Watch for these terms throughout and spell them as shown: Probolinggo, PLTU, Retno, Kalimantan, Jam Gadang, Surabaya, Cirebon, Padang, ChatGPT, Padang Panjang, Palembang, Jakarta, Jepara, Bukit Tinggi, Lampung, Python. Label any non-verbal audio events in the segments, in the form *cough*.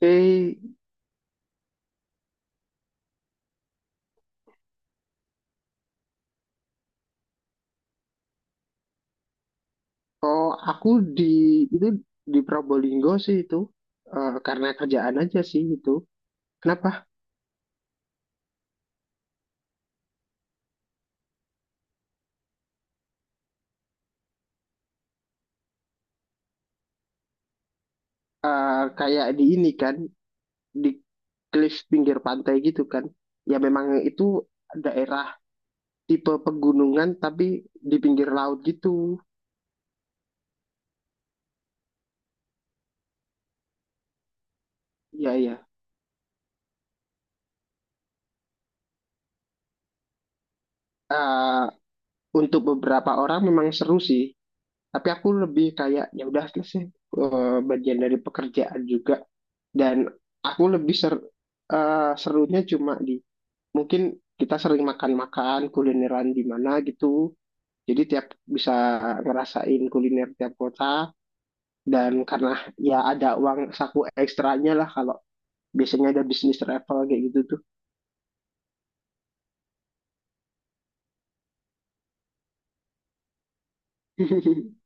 Eh, oh aku di itu di Probolinggo sih itu. Karena kerjaan aja sih itu. Kenapa? Kayak di ini kan di cliff pinggir pantai gitu kan. Ya memang itu daerah tipe pegunungan tapi di pinggir laut gitu. Iya, iya. Eh, untuk beberapa orang memang seru sih. Tapi aku lebih kayak ya udah selesai, bagian dari pekerjaan juga, dan aku serunya cuma di mungkin kita sering makan-makan kulineran di mana gitu. Jadi tiap bisa ngerasain kuliner tiap kota, dan karena ya ada uang saku ekstranya lah kalau biasanya ada bisnis travel kayak gitu tuh. *laughs*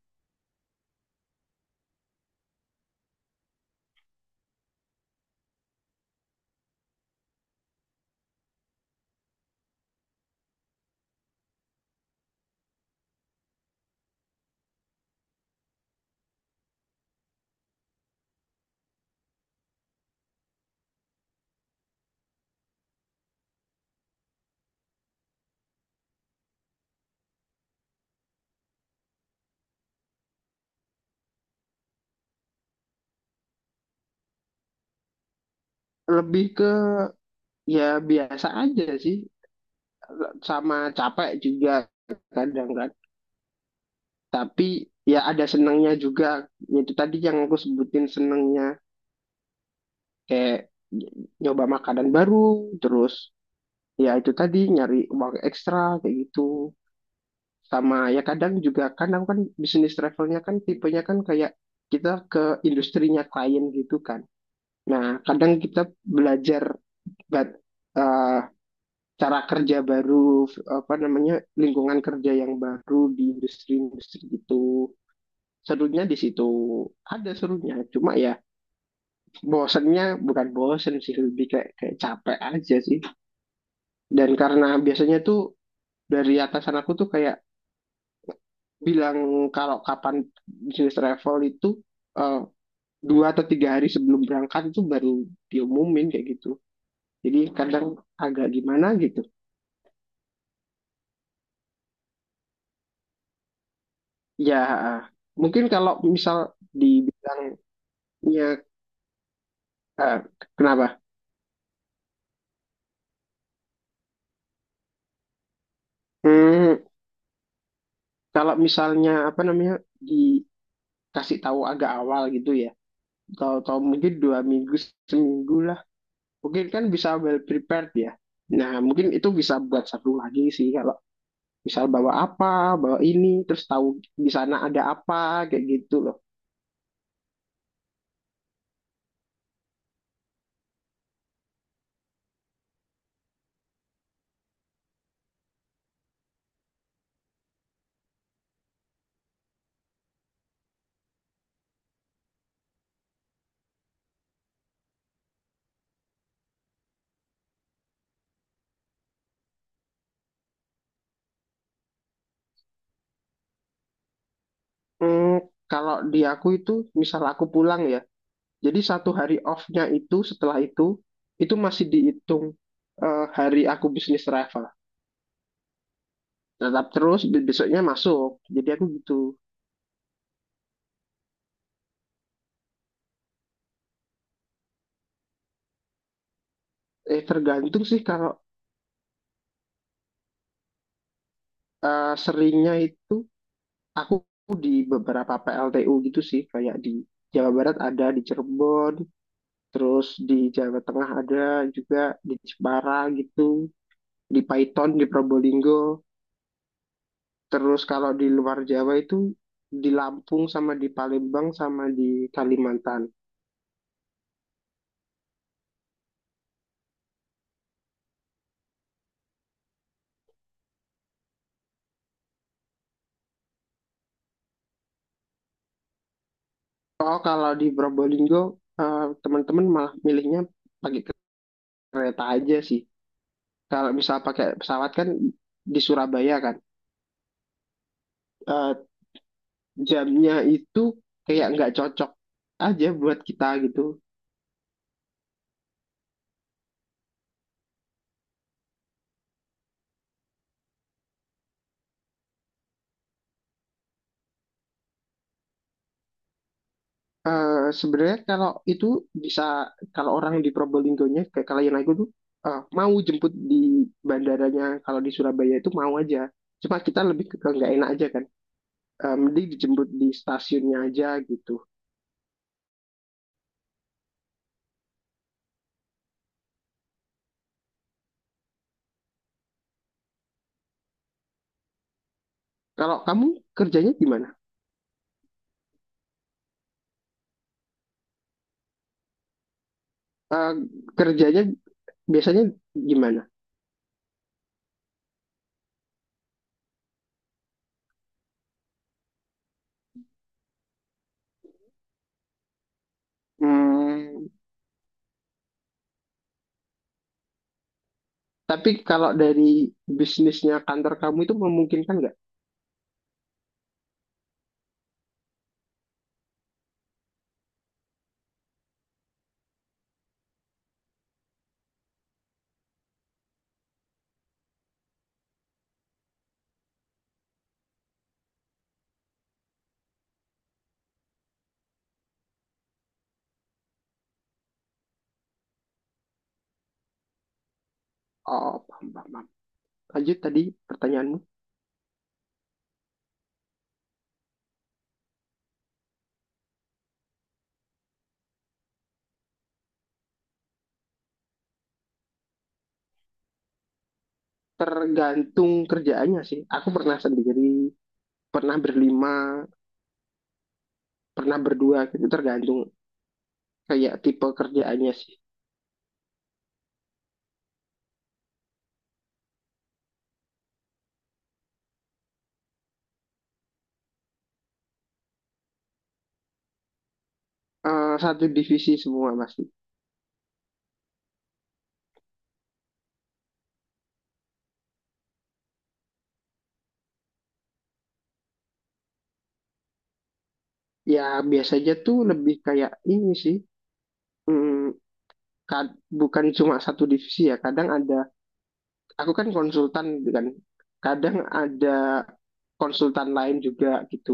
Lebih ke ya biasa aja sih, sama capek juga kadang kan. Tapi ya ada senangnya juga. Itu tadi yang aku sebutin senangnya kayak nyoba makanan baru, terus ya itu tadi nyari uang ekstra kayak gitu, sama ya kadang juga kan aku kan bisnis travelnya kan tipenya kan kayak kita ke industrinya klien gitu kan. Nah kadang kita belajar bat, eh, cara kerja baru, apa namanya, lingkungan kerja yang baru di industri-industri gitu. Serunya di situ, ada serunya, cuma ya bosennya bukan bosen sih, lebih kayak kayak capek aja sih. Dan karena biasanya tuh dari atasan aku tuh kayak bilang kalau kapan bisnis travel itu eh, dua atau tiga hari sebelum berangkat itu baru diumumin kayak gitu. Jadi kadang agak gimana gitu. Ya mungkin kalau misal dibilangnya, eh, kenapa? Hmm, kalau misalnya apa namanya dikasih tahu agak awal gitu ya. Tahu-tahu mungkin dua minggu, seminggu lah. Mungkin kan bisa well prepared ya. Nah mungkin itu bisa buat satu lagi sih, kalau misal bawa apa, bawa ini, terus tahu di sana ada apa, kayak gitu loh. Hmm, kalau di aku itu, misal aku pulang ya, jadi satu hari off-nya itu setelah itu masih dihitung hari aku bisnis travel. Tetap terus besoknya masuk, jadi aku gitu. Eh, tergantung sih kalau seringnya itu aku di beberapa PLTU gitu sih, kayak di Jawa Barat ada, di Cirebon, terus di Jawa Tengah ada juga, di Jepara gitu. Di Python, di Probolinggo. Terus kalau di luar Jawa itu di Lampung sama di Palembang sama di Kalimantan. Oh, kalau di Probolinggo teman-teman malah milihnya pakai kereta aja sih. Kalau misal pakai pesawat kan di Surabaya kan eh, jamnya itu kayak nggak cocok aja buat kita gitu. Eh, sebenarnya kalau itu bisa, kalau orang di Probolinggonya kayak kalian, aku tuh mau jemput di bandaranya kalau di Surabaya itu mau aja, cuma kita lebih ke nggak enak aja kan. Eh, mending dijemput di stasiunnya aja gitu. Kalau kamu kerjanya gimana? Eh, Kerjanya biasanya gimana? Hmm, tapi kalau dari bisnisnya kantor kamu itu memungkinkan nggak? Oh, paham, paham, paham. Lanjut tadi pertanyaanmu. Tergantung kerjaannya sih. Aku pernah sendiri, pernah berlima, pernah berdua gitu, tergantung kayak tipe kerjaannya sih. Eh, satu divisi semua pasti. Ya biasanya tuh lebih kayak ini sih, hmm, bukan cuma satu divisi ya, kadang ada, aku kan konsultan gitu kan, kadang ada konsultan lain juga gitu,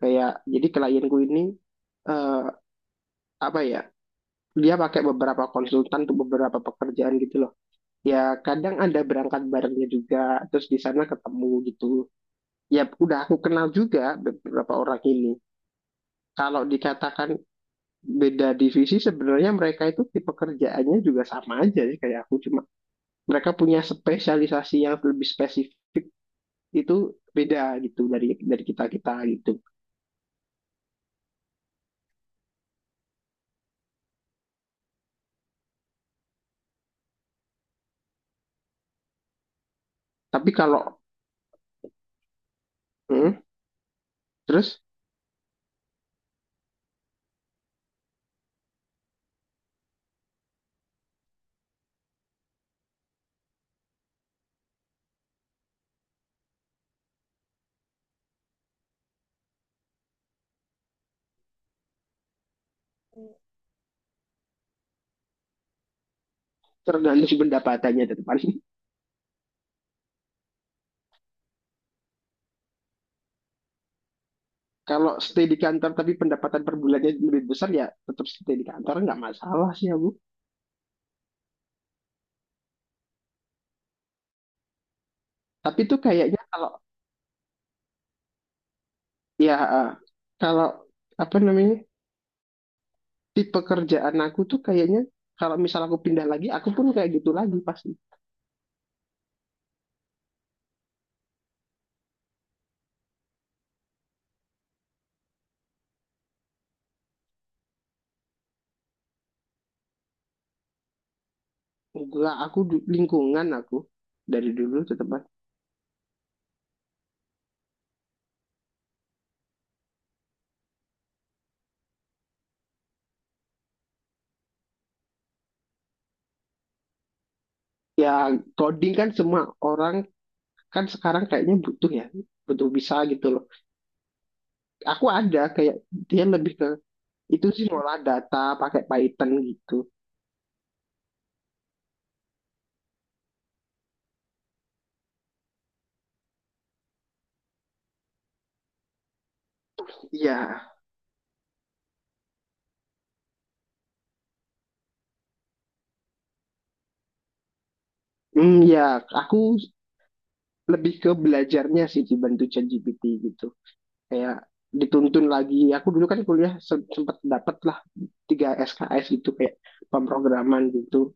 kayak jadi klienku ini eh, apa ya, dia pakai beberapa konsultan untuk beberapa pekerjaan gitu loh ya. Kadang ada berangkat barengnya juga, terus di sana ketemu gitu, ya udah aku kenal juga beberapa orang ini. Kalau dikatakan beda divisi, sebenarnya mereka itu tipe kerjaannya juga sama aja sih kayak aku. Cuma mereka punya spesialisasi yang lebih spesifik, itu beda gitu dari kita kita gitu. Tapi kalau hmm, terus tergantung pendapatannya depan. *laughs* Kalau stay di kantor tapi pendapatan per bulannya lebih besar, ya tetap stay di kantor nggak masalah sih ya Bu. Tapi tuh kayaknya kalau ya eh, kalau apa namanya di pekerjaan aku tuh kayaknya kalau misal aku pindah lagi aku pun kayak gitu lagi pasti. Enggak, aku lingkungan aku dari dulu tetap Mas. Ya, coding kan semua orang kan sekarang kayaknya butuh ya, butuh bisa gitu loh. Aku ada kayak dia lebih ke itu sih, ngolah data pakai Python gitu. Iya, hmm, ya aku lebih ke belajarnya sih dibantu ChatGPT gitu, kayak dituntun lagi. Aku dulu kan kuliah sempat dapat lah tiga SKS gitu kayak pemrograman gitu,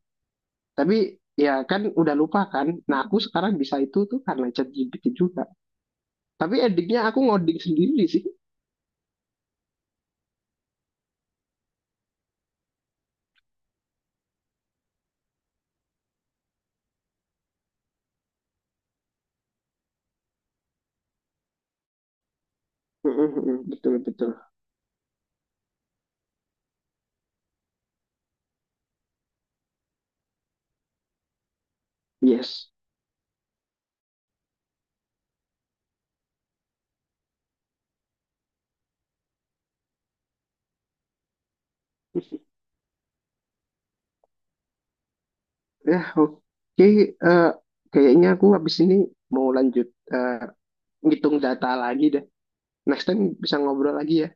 tapi ya kan udah lupa kan. Nah aku sekarang bisa itu tuh karena ChatGPT juga, tapi endingnya aku ngoding sendiri sih. *laughs* Betul, betul. Yes. Ya, oke, eh, kayaknya aku habis ini mau lanjut eh, ngitung data lagi deh. Next time bisa ngobrol lagi ya,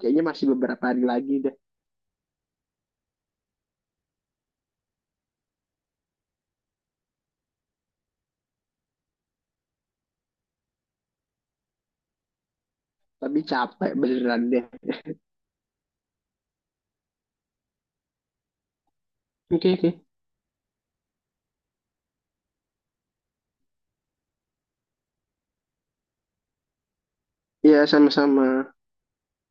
kayaknya masih beberapa hari lagi deh. Tapi capek beneran deh. Oke, oke. Iya, sama-sama.